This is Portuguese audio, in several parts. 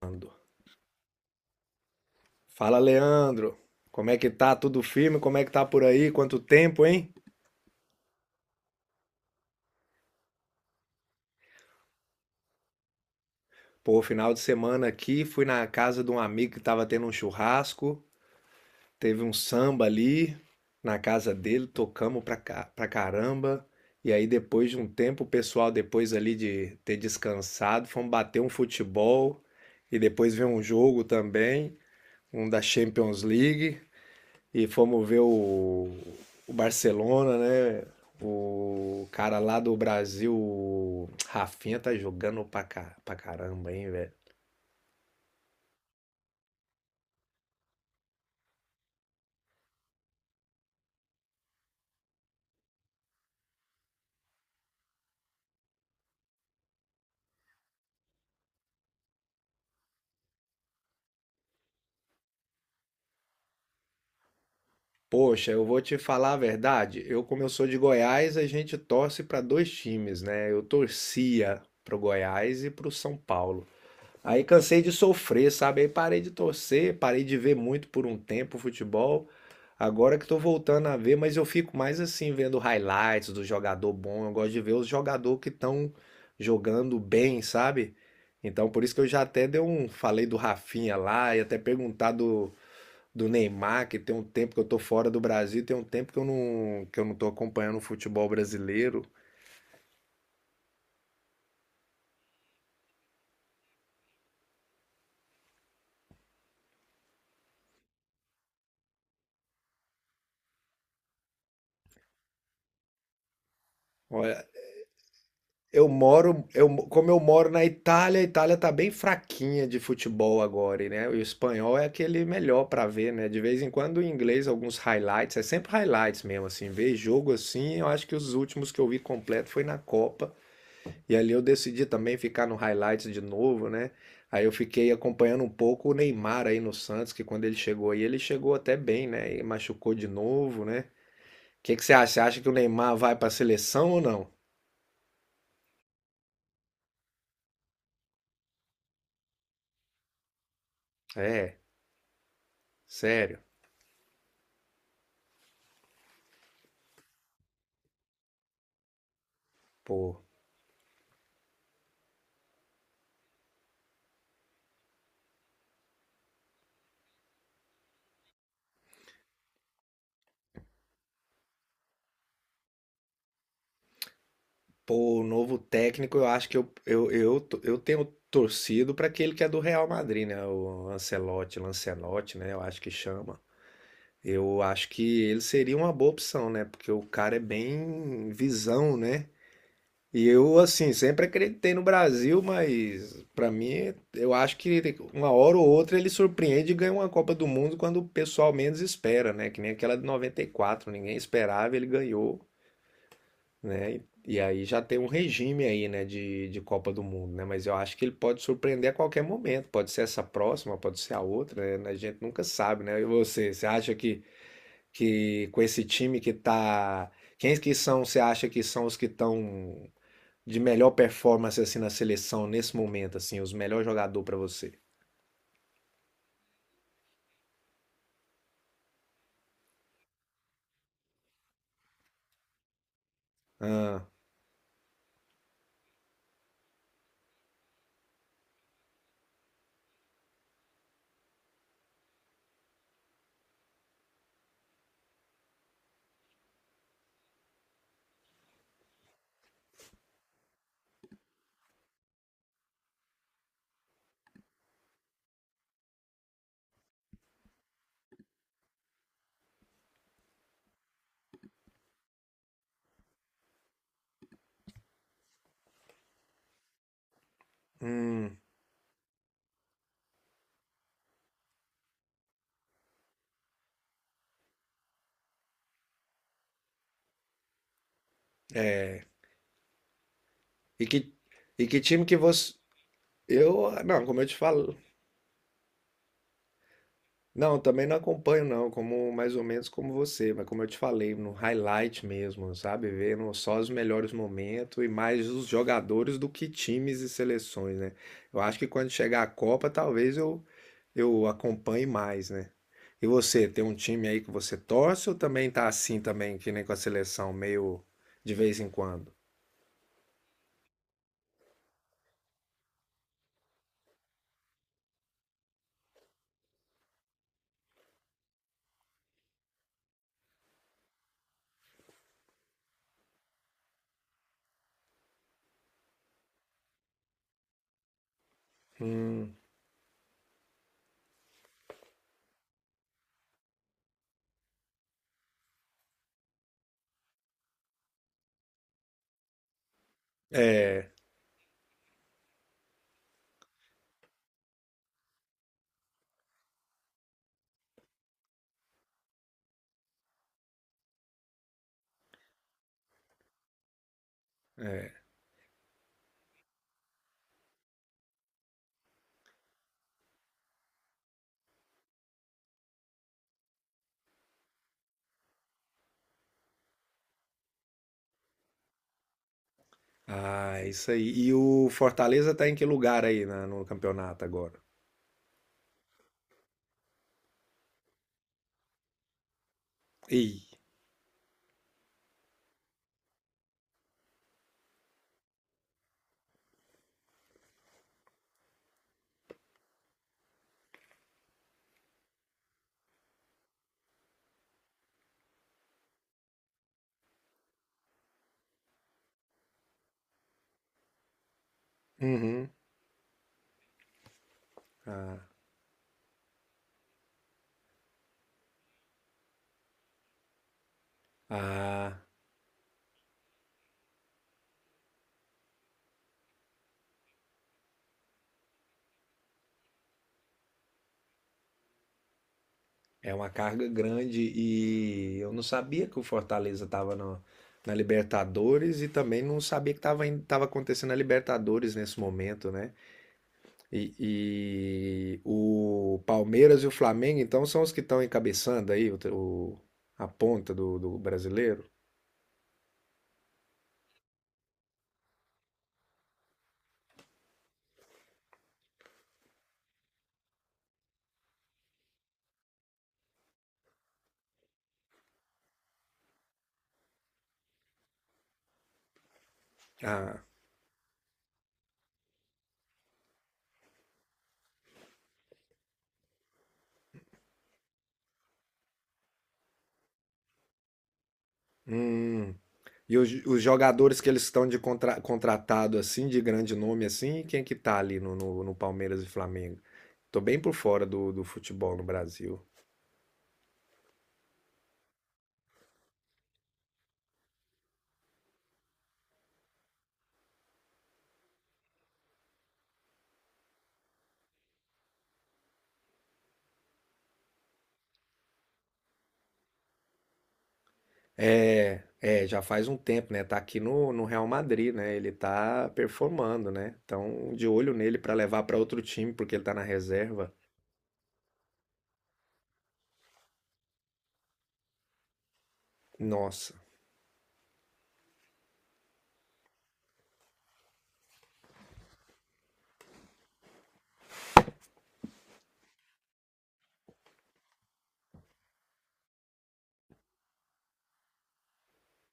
Ando. Fala, Leandro. Como é que tá? Tudo firme? Como é que tá por aí? Quanto tempo, hein? Pô, final de semana aqui, fui na casa de um amigo que tava tendo um churrasco, teve um samba ali na casa dele, tocamos pra caramba. E aí, depois de um tempo, o pessoal, depois ali de ter descansado, fomos bater um futebol e depois ver um jogo também, um da Champions League. E fomos ver o Barcelona, né? O cara lá do Brasil, o Rafinha, tá jogando pra caramba, hein, velho? Poxa, eu vou te falar a verdade. Eu, como eu sou de Goiás, a gente torce pra dois times, né? Eu torcia pro Goiás e pro São Paulo. Aí cansei de sofrer, sabe? Aí parei de torcer, parei de ver muito por um tempo o futebol. Agora que tô voltando a ver, mas eu fico mais assim, vendo highlights do jogador bom. Eu gosto de ver os jogadores que estão jogando bem, sabe? Então por isso que eu já até dei um, falei do Rafinha lá e até perguntar do Neymar, que tem um tempo que eu tô fora do Brasil, tem um tempo que eu não tô acompanhando o futebol brasileiro. Olha, como eu moro na Itália, a Itália tá bem fraquinha de futebol agora, né? E o espanhol é aquele melhor pra ver, né? De vez em quando o inglês, alguns highlights, é sempre highlights mesmo, assim, ver jogo assim, eu acho que os últimos que eu vi completo foi na Copa, e ali eu decidi também ficar no highlights de novo, né? Aí eu fiquei acompanhando um pouco o Neymar aí no Santos, que quando ele chegou aí, ele chegou até bem, né? E machucou de novo, né? O que que você acha? Você acha que o Neymar vai pra seleção ou não? É, sério, pô. Pô, o novo técnico, eu acho que eu tenho torcido para aquele que é do Real Madrid, né? O Ancelotti, Lancelotti, né? Eu acho que chama. Eu acho que ele seria uma boa opção, né? Porque o cara é bem visão, né? E eu, assim, sempre acreditei no Brasil, mas para mim, eu acho que uma hora ou outra ele surpreende e ganha uma Copa do Mundo quando o pessoal menos espera, né? Que nem aquela de 94 ninguém esperava, ele ganhou, né? E aí já tem um regime aí, né, de Copa do Mundo, né? Mas eu acho que ele pode surpreender a qualquer momento. Pode ser essa próxima, pode ser a outra, né? A gente nunca sabe, né? E você acha que com esse time que tá... Quem que são, você acha que são os que estão de melhor performance, assim, na seleção nesse momento, assim? Os melhores jogadores para você? Ah, hum. E que, e que time que você... não, como eu te falo, não, também não acompanho não, como mais ou menos como você, mas como eu te falei, no highlight mesmo, sabe? Vendo só os melhores momentos e mais os jogadores do que times e seleções, né? Eu acho que quando chegar a Copa, talvez eu acompanhe mais, né? E você, tem um time aí que você torce ou também tá assim também, que nem com a seleção, meio de vez em quando? Hum, é, é. Ah, isso aí. E o Fortaleza tá em que lugar aí no campeonato agora? Ih, uhum. Ah, é uma carga grande e eu não sabia que o Fortaleza estava na Libertadores e também não sabia que estava tava acontecendo a Libertadores nesse momento, né? E, e o Palmeiras e o Flamengo, então, são os que estão encabeçando aí a ponta do brasileiro. Ah, hum. E os jogadores que eles estão de contratado assim, de grande nome assim, quem que tá ali no Palmeiras e Flamengo? Tô bem por fora do futebol no Brasil. É, é, já faz um tempo, né? Tá aqui no Real Madrid, né? Ele tá performando, né? Então, de olho nele pra levar pra outro time, porque ele tá na reserva. Nossa.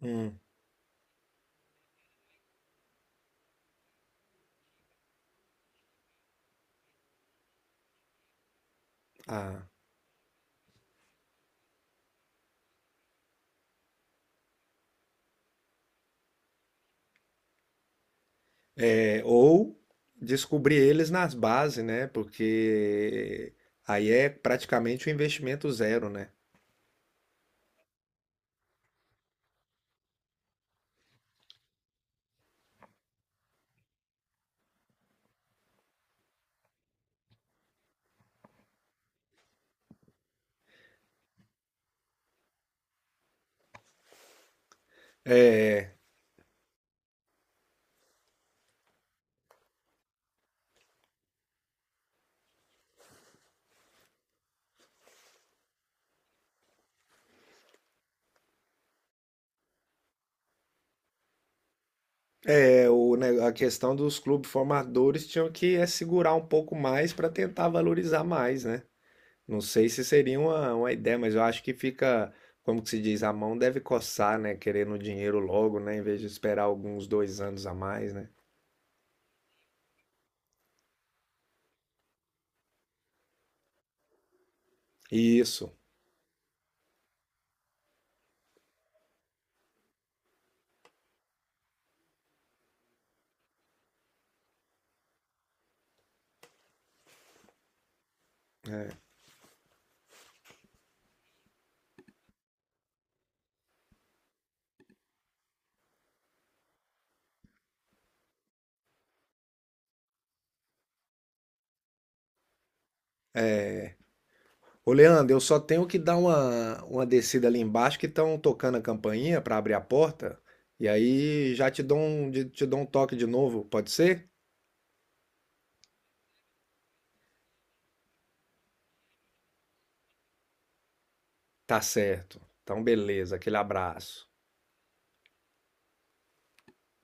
Hum. Ah. É, ou descobrir eles nas bases, né? Porque aí é praticamente um investimento zero, né? É, a questão dos clubes formadores tinham que segurar um pouco mais pra tentar valorizar mais, né? Não sei se seria uma ideia, mas eu acho que fica, como que se diz, a mão deve coçar, né? Querendo o dinheiro logo, né? Em vez de esperar alguns 2 anos a mais, né? Isso. Ô, Leandro, eu só tenho que dar uma descida ali embaixo que estão tocando a campainha para abrir a porta. E aí já te dou um toque de novo, pode ser? Tá certo. Então, beleza. Aquele abraço.